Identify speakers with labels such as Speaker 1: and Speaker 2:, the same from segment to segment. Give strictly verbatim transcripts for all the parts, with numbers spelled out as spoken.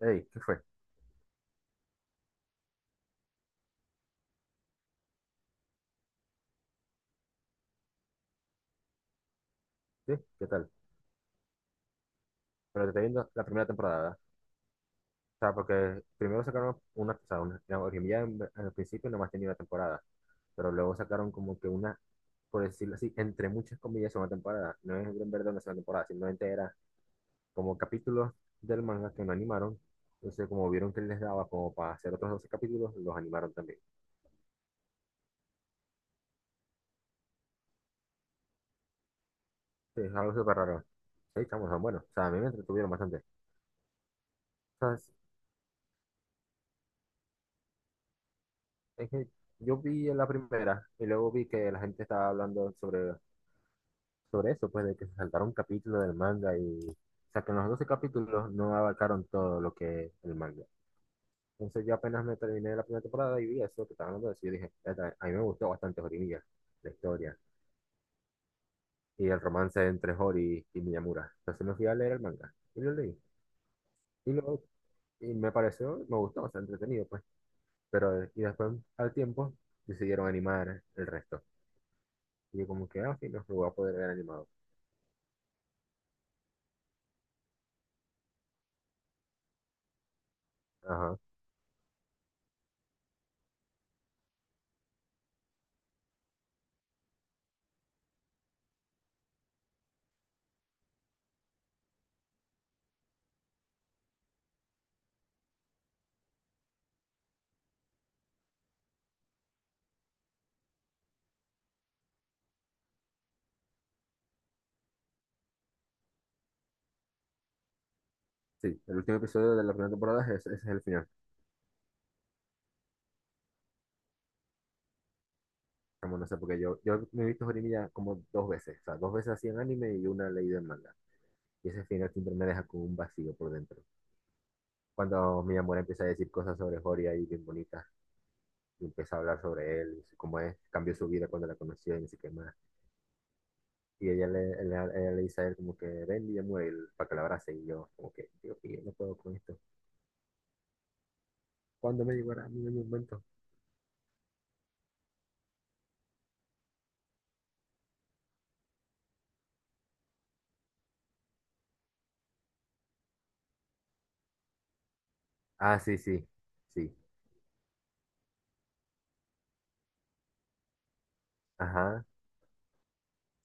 Speaker 1: Hey, ¿qué fue? ¿Sí? ¿Qué tal? Pero te estoy viendo la primera temporada, ¿verdad? O sea, porque primero sacaron una, o sea, una, la Orquídea en, en el principio nomás tenía una temporada, pero luego sacaron como que una, por decirlo así, entre muchas comillas, una temporada. No es en verdad una sola temporada, simplemente era como capítulos del manga que no animaron. Entonces, como vieron que les daba como para hacer otros doce capítulos, los animaron también. Sí, es algo súper raro. Sí, chamos, son buenos. O sea, a mí me entretuvieron bastante. O sea, es es que yo vi la primera y luego vi que la gente estaba hablando sobre sobre eso, pues de que se saltaron un capítulo del manga y, o sea, que en los doce capítulos no abarcaron todo lo que es el manga. Entonces yo apenas me terminé la primera temporada y vi eso que estaban hablando de eso, yo dije, "Eta, a mí me gustó bastante Horimiya, la historia, y el romance entre Hori y Miyamura". Entonces me fui a leer el manga y lo leí. Y, lo, y me pareció, me gustó, o sea, entretenido, pues. Pero, eh, y después, al tiempo, decidieron animar el resto. Y yo como que, ah, sí, no, lo voy a poder ver animado. Ajá, sí, el último episodio de la primera temporada es, ese es el final. Como no sé, porque yo, yo me he visto Horimiya como dos veces, o sea, dos veces así en anime y una leído en manga. Y ese final siempre me deja con un vacío por dentro. Cuando mi amor empieza a decir cosas sobre Hori ahí bien bonitas, y empieza a hablar sobre él, y cómo es, cambió su vida cuando la conoció y ni sé qué más. Y ella le, él- ella le dice a él como que ven y muere para que la abrace. Y yo como que, Dios mío, no puedo con esto. ¿Cuándo me llegará mi mi momento? Ah, sí, sí, sí, ajá,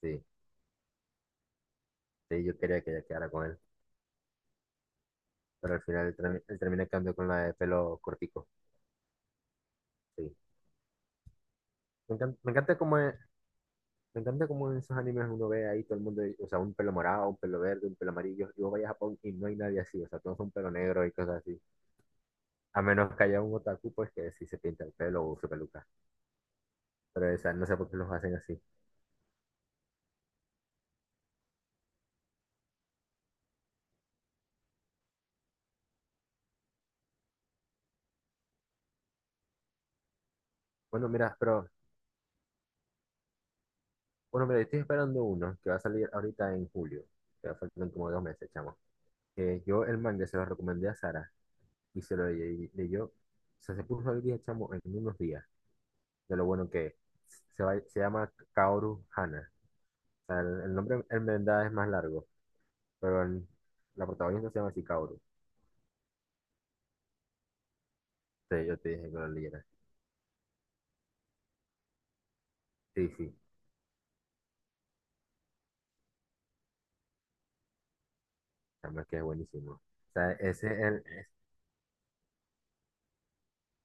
Speaker 1: sí. Sí, yo quería que ella quedara con él, pero al final él, termi- él termina quedando con la de pelo cortico. Sí. Me encanta, me encanta como, e, me encanta como en esos animes uno ve ahí todo el mundo, o sea, un pelo morado, un pelo verde, un pelo amarillo, y vos vayas a Japón y no hay nadie así, o sea, todos son pelo negro y cosas así. A menos que haya un otaku, pues que sí se pinta el pelo o su peluca. Pero, o sea, no sé por qué los hacen así. Bueno, mira, pero, bueno, mira, yo estoy esperando uno que va a salir ahorita en julio, que va a faltar como dos meses, chamo. Que yo el manga se lo recomendé a Sara y se lo ley- leyó, o sea, se puso al día, chamo, en unos días, de lo bueno que es. Se, va- se llama Kaoru Hana. Sea, el, el nombre en verdad es más largo, pero el- la protagonista se llama Sikaoru. Sí, yo te dije que lo leyeras. Sí, sí, también que es buenísimo. O sea, ese es el, es-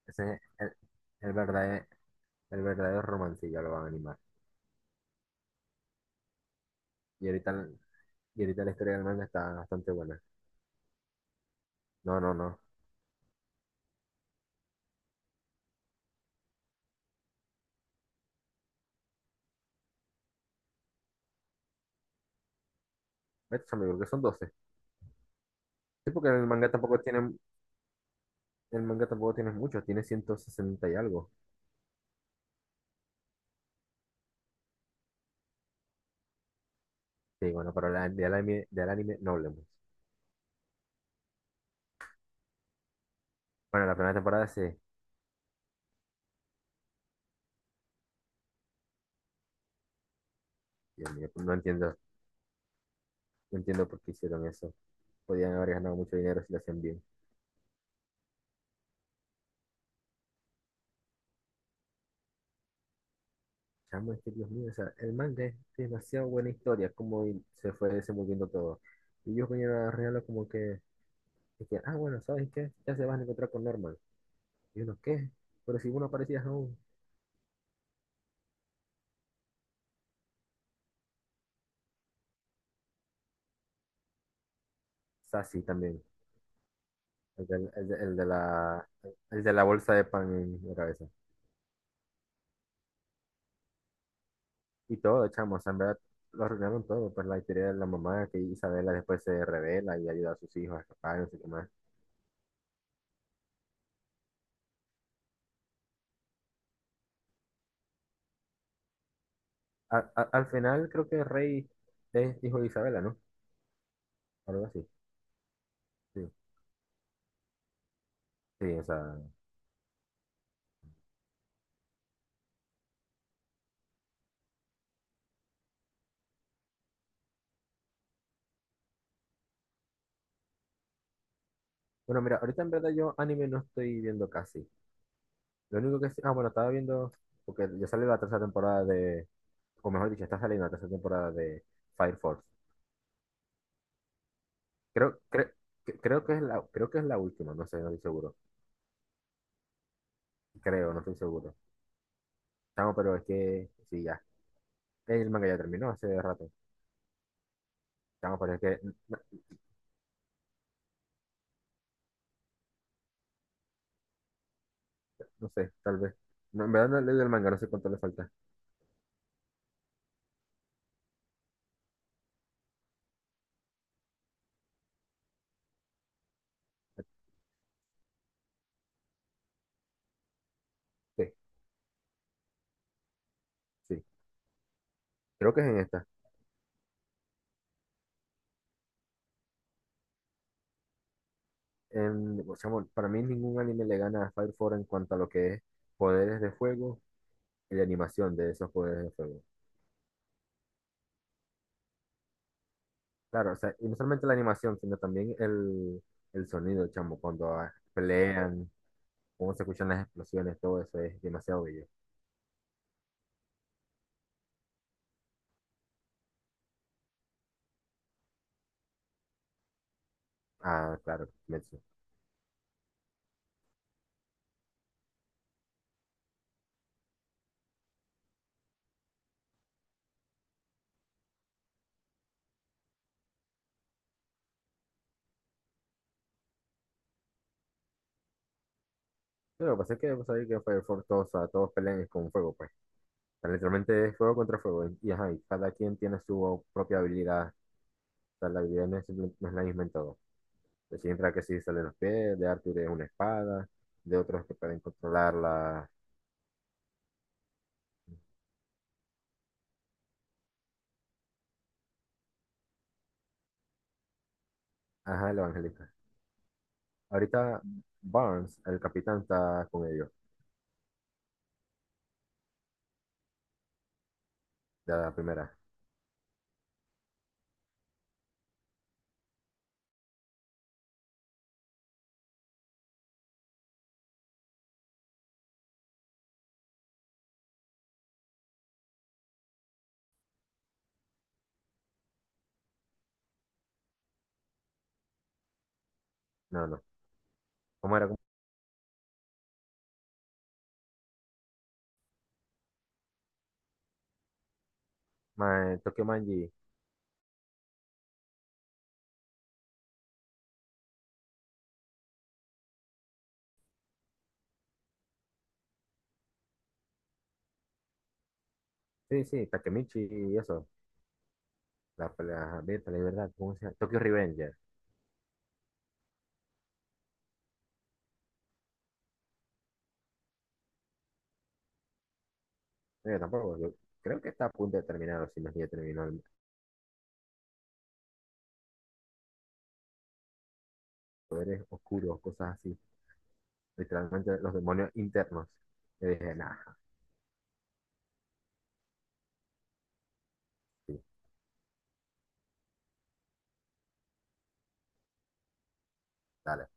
Speaker 1: ese es el, el verdadero, el verdadero romance, ya lo van a animar. Y ahorita, y ahorita la historia del manga está bastante buena. No, no, no. Estos son, yo creo que son doce. Sí, porque el manga tampoco tiene, el manga tampoco tiene muchos, tiene ciento sesenta y algo. Sí, bueno, pero la, del anime, del anime no hablemos. Bueno, la primera temporada sí. Dios mío, no entiendo, no entiendo por qué hicieron eso. Podían haber ganado mucho dinero si lo hacían bien. Chamo, es que Dios mío, o sea, el manga es demasiado buena historia, como y se fue desenvolviendo todo. Y ellos vinieron a arreglarlo como que, de que, ah, bueno, ¿sabes qué? Ya se van a encontrar con Norman. Y uno, ¿qué? Pero si uno parecía aún. Sassy también, el del- el de, el de la, el de la bolsa de pan en la cabeza. Y todo, chamo, o sea, en verdad, lo arruinaron todo, pues la historia de la mamá, que Isabela después se revela y ayuda a sus hijos a escapar, no sé qué más. A- a- al final creo que el rey es hijo de Isabela, ¿no? Algo así. Sí, sí, o sea. Bueno, mira, ahorita en verdad yo anime no estoy viendo casi. Lo único que sí. Ah, bueno, estaba viendo. Porque ya sale la tercera temporada de. O mejor dicho, está saliendo la tercera temporada de Fire Force. Creo, cre- cre- creo que es la, creo que es la última, no sé, no estoy seguro. Creo, no estoy seguro. Chamo, pero es que. Sí, ya. El manga ya terminó hace rato. Chamo, pero es que. No, no sé, tal vez. No, en verdad no he leído el manga, no sé cuánto le falta. Sí, sí. Creo que es en esta. Em, o sea, bueno, para mí ningún anime le gana a Fire Force en cuanto a lo que es poderes de fuego y la animación de esos poderes de fuego. Claro, o sea, y no solamente la animación, sino también el, el sonido, chamo, cuando ah, pelean, cómo se escuchan las explosiones, todo eso es demasiado bello. Ah, claro, Metsu. Pero lo que pasa es que vos sabés que Fire Force todos, o sea, todos pelean con fuego, pues. O sea, literalmente es fuego contra fuego. Y, y, ajá, y cada quien tiene su propia habilidad. O sea, la habilidad no es, simple- no es la misma en todo. De Shinra que sí sale los pies, de Arthur es una espada, de otros que pueden controlar la... Ajá, el evangelista. Ahorita Barnes, el capitán, está con ellos, de la primera. No, no. ¿Cómo era? ¿Cómo? Ma- Tokyo Manji. Sí, sí, Takemichi y eso. La pelea abierta, la libertad. ¿Cómo se llama? Tokyo Revenger. No, yo tampoco. Yo creo que está a punto de terminar, o si no es que ya terminó. el- Poderes oscuros, cosas así. Literalmente los demonios internos. Yo dije, nah, sí, dale.